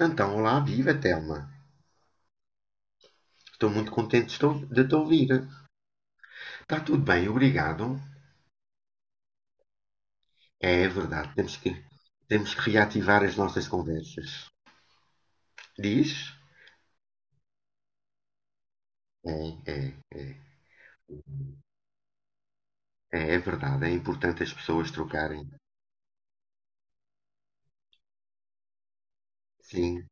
Então, olá, viva Telma. Estou muito contente de te ouvir. Está tudo bem, obrigado. É, é verdade, temos que reativar as nossas conversas. Diz? É, é, é, é verdade, é importante as pessoas trocarem. Sim,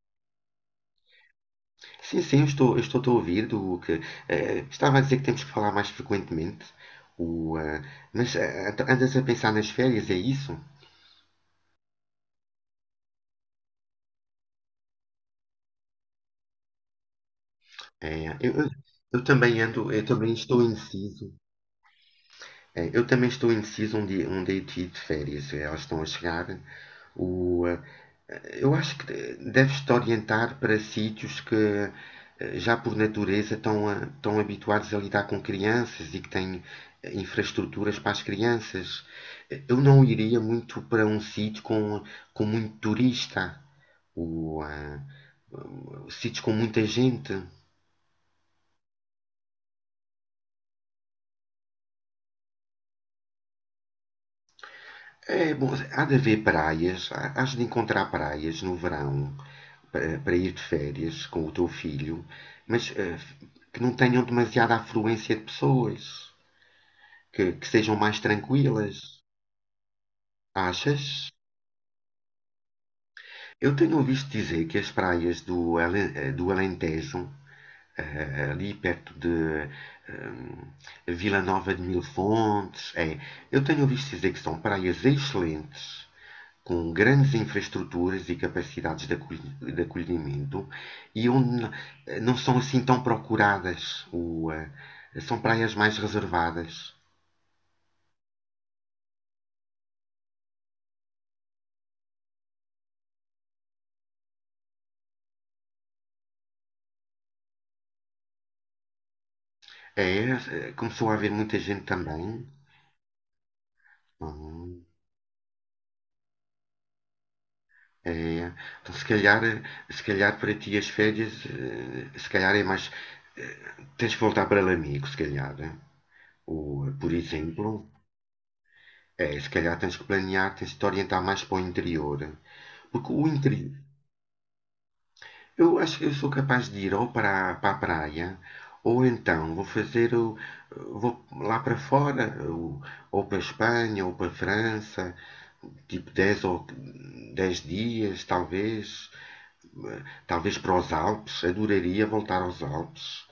sim, sim, eu estou-te a ouvir do que... estava a dizer que temos que falar mais frequentemente. O, eh, mas então andas a pensar nas férias, é isso? É, eu também ando, eu também estou indeciso. É, eu também estou indeciso onde hei de ir de férias. Elas estão a chegar. O, eh, eu acho que deves-te orientar para sítios que já por natureza estão, estão habituados a lidar com crianças e que têm infraestruturas para as crianças. Eu não iria muito para um sítio com muito turista, o ah, sítios com muita gente. É, bom, há de haver praias, hás de encontrar praias no verão para ir de férias com o teu filho, mas que não tenham demasiada afluência de pessoas, que sejam mais tranquilas, achas? Eu tenho ouvido dizer que as praias do Alentejo, ali perto de Vila Nova de Mil Fontes, é, eu tenho ouvido dizer que são praias excelentes, com grandes infraestruturas e capacidades de acolhimento e onde não são assim tão procuradas, são praias mais reservadas. É, começou a haver muita gente também. Hum, é. Então, se calhar, se calhar para ti as férias, se calhar é mais. Tens que voltar para Lamigo, se calhar. Eh. Por exemplo, é, se calhar tens que planear, tens de te orientar mais para o interior. Porque o interior. Eu acho que eu sou capaz de ir ou para a praia, ou então vou lá para fora, ou, para a Espanha, ou para a França, tipo 10 dias, talvez para os Alpes. Adoraria voltar aos Alpes,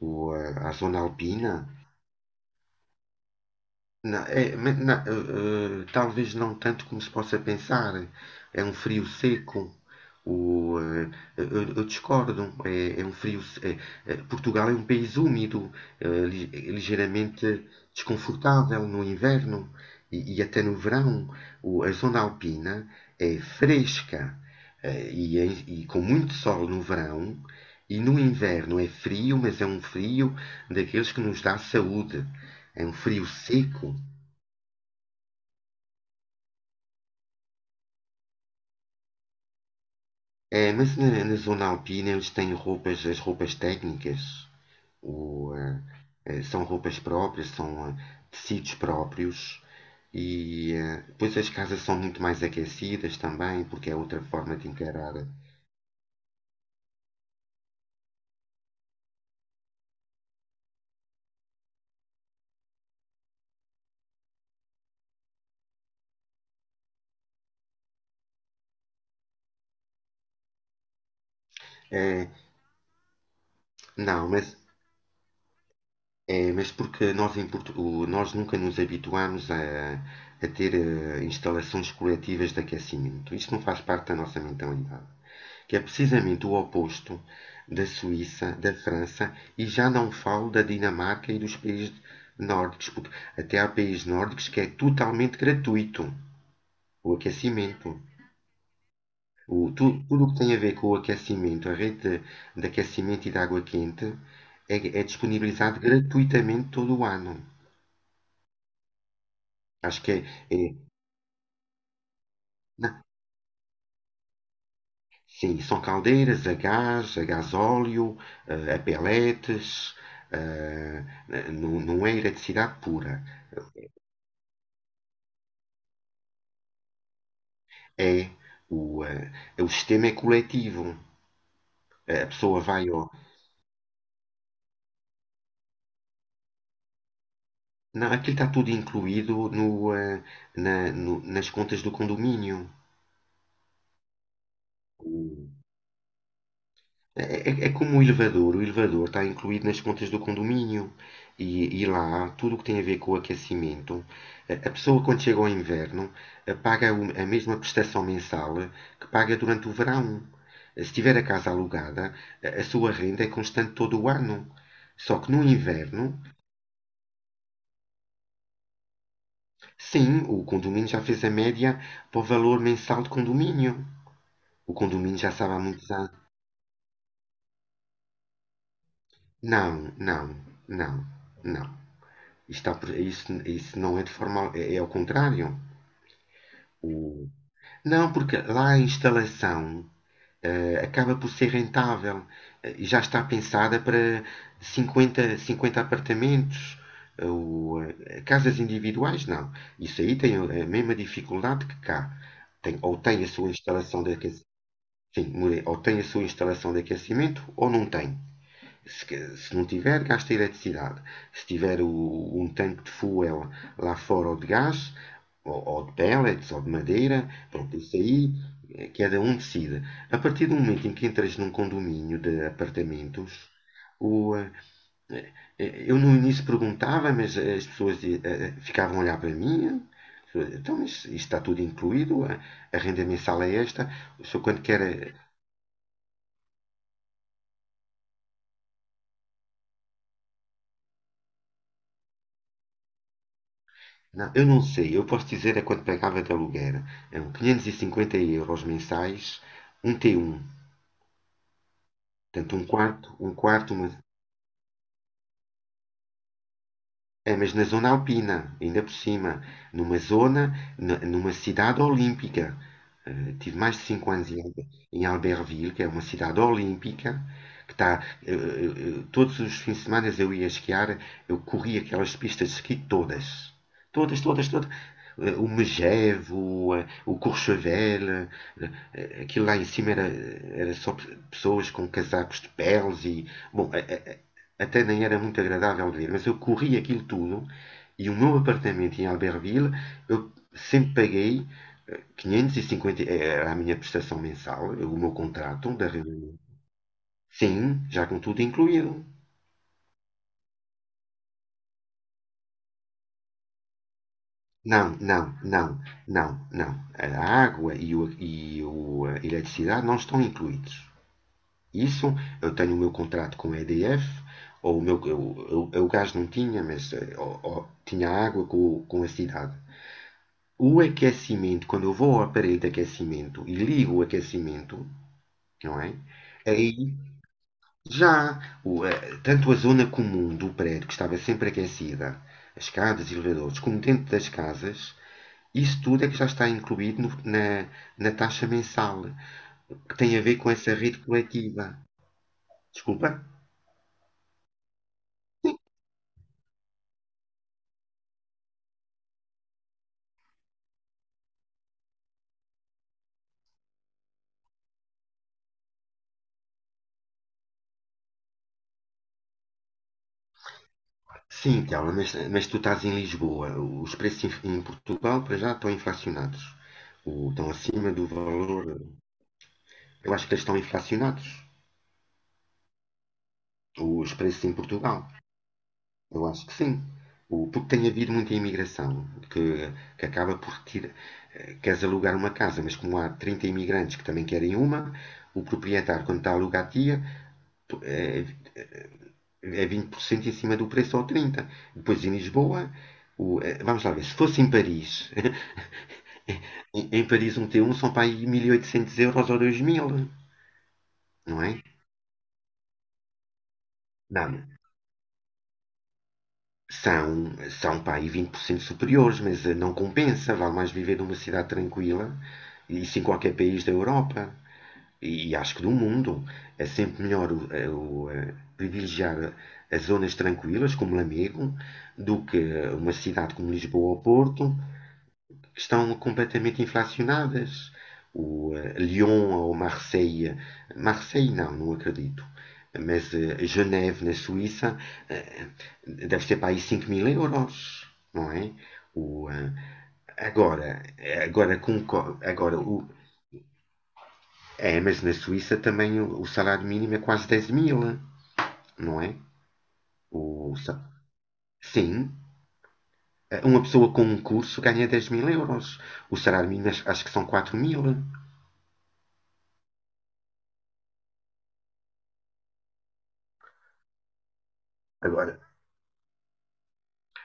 ou, à zona alpina. Não, é, mas não, talvez não tanto como se possa pensar. É um frio seco. O, eh, eu discordo. É um frio. Portugal é um país úmido, ligeiramente desconfortável no inverno e até no verão. A zona alpina é fresca, e com muito sol no verão. E no inverno é frio, mas é um frio daqueles que nos dá saúde. É um frio seco. É, mas na zona alpina eles têm roupas, as roupas técnicas, o, eh, são roupas próprias, são tecidos próprios e depois as casas são muito mais aquecidas também, porque é outra forma de encarar. Eh, não, mas, é, mas porque nós, nós nunca nos habituamos a ter instalações coletivas de aquecimento. Isto não faz parte da nossa mentalidade, que é precisamente o oposto da Suíça, da França, e já não falo da Dinamarca e dos países nórdicos, porque até há países nórdicos que é totalmente gratuito o aquecimento. Tudo o que tem a ver com o aquecimento, a rede de aquecimento e de água quente, é disponibilizado gratuitamente todo o ano. Acho que é- não. Sim, são caldeiras a gás, a gasóleo, a peletes, eh, não, não é eletricidade pura. É, o, eh, o sistema é coletivo. A pessoa vai ao. Não, aquilo está tudo incluído nas contas do condomínio. O- É como o elevador está incluído nas contas do condomínio, e lá tudo o que tem a ver com o aquecimento, a pessoa quando chega ao inverno paga a mesma prestação mensal que paga durante o verão. Se tiver a casa alugada, a sua renda é constante todo o ano. Só que no inverno, sim, o condomínio já fez a média para o valor mensal de condomínio. O condomínio já sabe há muitos anos. Não, não, não, não. Está, isso não é de forma. É ao contrário. O- Não, porque lá a instalação acaba por ser rentável. E já está pensada para cinquenta apartamentos. Casas individuais, não. Isso aí tem a mesma dificuldade que cá. Tem, ou tem a sua instalação de aquecimento. Sim, ou tem a sua instalação de aquecimento ou não tem. Se não tiver, gasta eletricidade. Se tiver um tanque de fuel lá fora ou de gás, ou de pellets, ou de madeira, pronto, isso aí cada um decide. A partir do momento em que entras num condomínio de apartamentos, o, eh, eu no início perguntava, mas as pessoas ficavam a olhar para mim. Então, mas isto está tudo incluído, a renda mensal é esta. O senhor, quando quer não, eu não sei. Eu posso dizer é quanto pagava de aluguer. Eram 550 € mensais, um T1. Portanto, um quarto, uma, é, mas na zona alpina, ainda por cima, numa zona, numa cidade olímpica. Tive mais de 5 anos em Albertville, que é uma cidade olímpica, que está. Todos os fins de semana eu ia esquiar, eu corri aquelas pistas de esqui todas. Todas, todas, todas. O Megevo, o Courchevel, aquilo lá em cima era só pessoas com casacos de peles e. Bom, até nem era muito agradável de ver, mas eu corri aquilo tudo e o meu apartamento em Albertville eu sempre paguei 550, era a minha prestação mensal, o meu contrato da reunião. Sim, já com tudo incluído. Não, não, não, não, não. A água e a eletricidade não estão incluídos. Isso, eu tenho o meu contrato com a EDF, ou o meu, eu o gás não tinha, mas tinha água com a cidade. O aquecimento, quando eu vou ao aparelho de aquecimento e ligo o aquecimento, não é? Aí já, tanto a zona comum do prédio, que estava sempre aquecida, as escadas e elevadores, como dentro das casas, isso tudo é que já está incluído na taxa mensal, que tem a ver com essa rede coletiva. Desculpa? Sim, Tiago, mas tu estás em Lisboa. Os preços em Portugal, para já, estão inflacionados. Estão acima do valor. Eu acho que eles estão inflacionados, os preços em Portugal. Eu acho que sim. Porque tem havido muita imigração, que, que acaba por tirar. Queres alugar uma casa, mas como há 30 imigrantes que também querem uma, o proprietário, quando está a alugar, tira, tu- é, é 20% em cima do preço ou 30%. Depois em Lisboa, vamos lá ver, se fosse em Paris, em Paris um T1 são para aí 1.800 € ou 2.000, não é? Não, São, são pá, aí 20% superiores, mas não compensa. Vale mais viver numa cidade tranquila, e isso em qualquer país da Europa, e acho que do mundo. É sempre melhor privilegiar as zonas tranquilas, como Lamego, do que uma cidade como Lisboa ou Porto, estão completamente inflacionadas. Lyon ou Marseille, Marseille não, não acredito, mas Geneve, na Suíça, eh, deve ser para aí 5 mil euros, não é? O, eh, agora, agora, com, agora o, é, mas na Suíça também o salário mínimo é quase 10.000, não é? O, sim, uma pessoa com um curso ganha 10 mil euros. O salário mínimo acho, que são 4.000. Agora,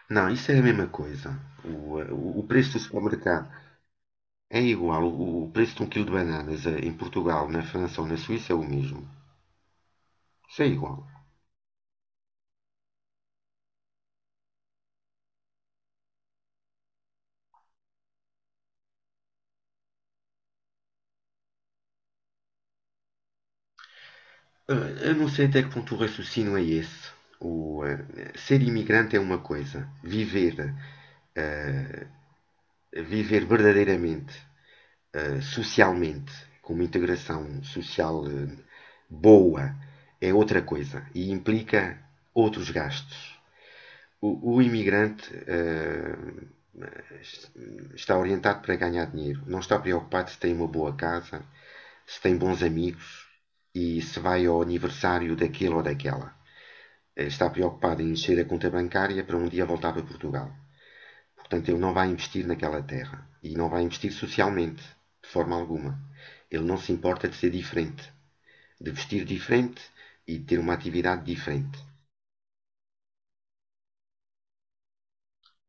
não, isso é a mesma coisa. O preço do supermercado é igual. O preço de um quilo de bananas em Portugal, na França ou na Suíça é o mesmo. Isso é igual. Eu não sei até que ponto o raciocínio é esse. O, eh, Ser imigrante é uma coisa. Eh, viver verdadeiramente, socialmente, com uma integração social boa, é outra coisa. E implica outros gastos. O imigrante está orientado para ganhar dinheiro. Não está preocupado se tem uma boa casa, se tem bons amigos e se vai ao aniversário daquele ou daquela. Está preocupado em encher a conta bancária para um dia voltar para Portugal. Portanto, ele não vai investir naquela terra e não vai investir socialmente, de forma alguma. Ele não se importa de ser diferente, de vestir diferente e de ter uma atividade diferente.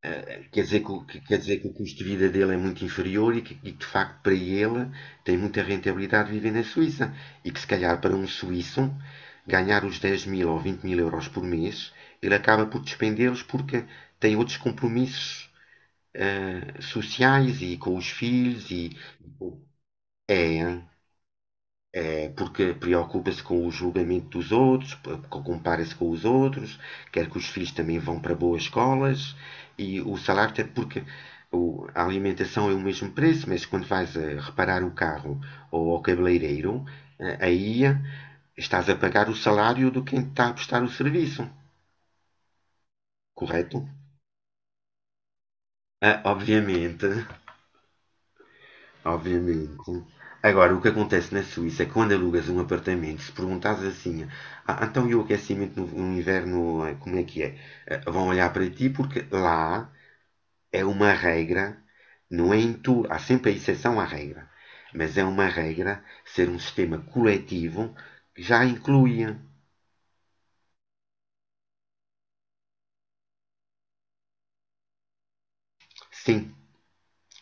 eh, eh, quer dizer que, quer dizer que o custo de vida dele é muito inferior e que, de facto para ele tem muita rentabilidade viver na Suíça. E que se calhar para um suíço ganhar os 10.000 ou 20.000 € por mês, ele acaba por despendê-los porque tem outros compromissos sociais e com os filhos e é, porque preocupa-se com o julgamento dos outros, compara-se com os outros, quer que os filhos também vão para boas escolas e o salário até porque a alimentação é o mesmo preço, mas quando vais a reparar o carro ou ao cabeleireiro, aí estás a pagar o salário do quem está a prestar o serviço, correto? Ah, obviamente, obviamente. Agora, o que acontece na Suíça é que quando alugas um apartamento, se perguntares assim, ah, então e o aquecimento no inverno, como é que é? Vão olhar para ti porque lá é uma regra, não é em tu, há sempre a exceção à regra, mas é uma regra ser um sistema coletivo que já incluía, sim,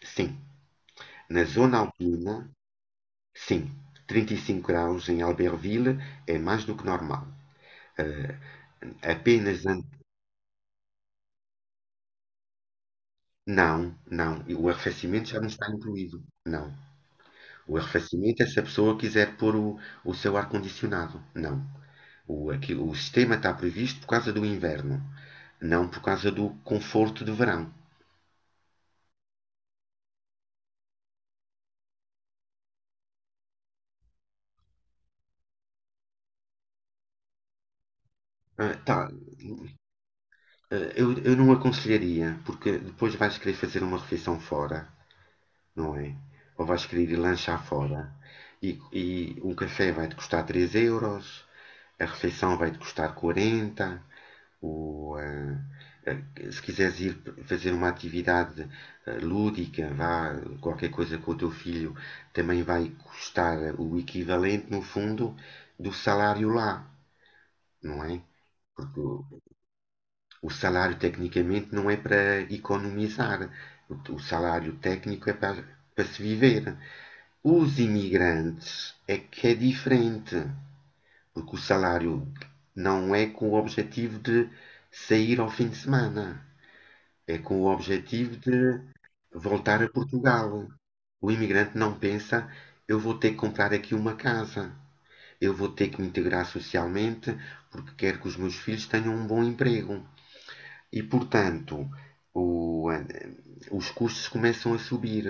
sim, na zona alpina, sim, 35 graus em Albertville é mais do que normal. Eh, apenas an- Não, não. E o arrefecimento já não está incluído. Não. O arrefecimento é se a pessoa quiser pôr o seu ar-condicionado. Não. O sistema está previsto por causa do inverno, não por causa do conforto do verão. Ah, tá. Ah, eu não aconselharia, porque depois vais querer fazer uma refeição fora, não é? Ou vais querer ir lanchar fora, e um café vai-te custar 3 euros, a refeição vai-te custar 40. o, ah, Se quiseres ir fazer uma atividade lúdica, vá, qualquer coisa com o teu filho, também vai custar o equivalente, no fundo, do salário lá, não é? Porque o salário tecnicamente não é para economizar, o salário técnico é para se viver. Os imigrantes é que é diferente, porque o salário não é com o objetivo de sair ao fim de semana, é com o objetivo de voltar a Portugal. O imigrante não pensa, eu vou ter que comprar aqui uma casa, eu vou ter que me integrar socialmente, porque quero que os meus filhos tenham um bom emprego. E, portanto, o- eh, os custos começam a subir.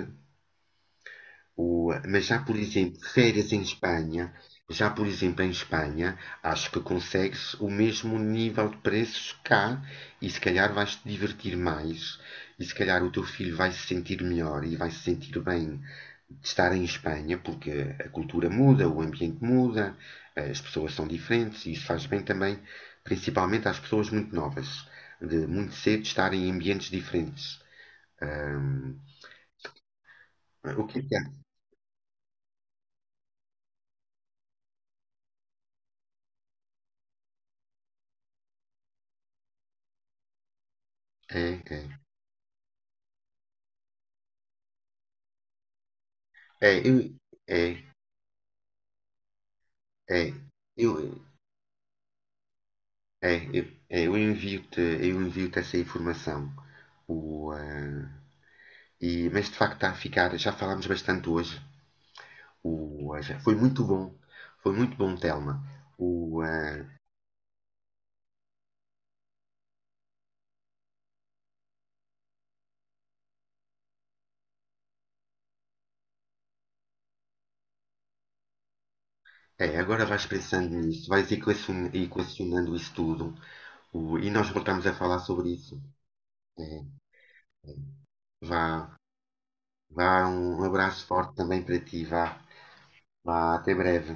Mas já, por exemplo, férias em Espanha, já, por exemplo, em Espanha, acho que consegues o mesmo nível de preços cá e se calhar vais te divertir mais e se calhar o teu filho vai se sentir melhor e vai se sentir bem de estar em Espanha porque a cultura muda, o ambiente muda, as pessoas são diferentes e isso faz bem também, principalmente às pessoas muito novas, de muito cedo estarem em ambientes diferentes. O que é? É, é. É, É, eu- é, É, eu, é, eu, eu envio-te essa informação. O, eh, mas de facto está a ficar, já falámos bastante hoje. Foi muito bom, foi muito bom, Telma. O, eh, É, agora vais pensando nisso, vais equacionando isso tudo. E nós voltamos a falar sobre isso. É, é, vá, vá, um abraço forte também para ti, vá, vá, até breve.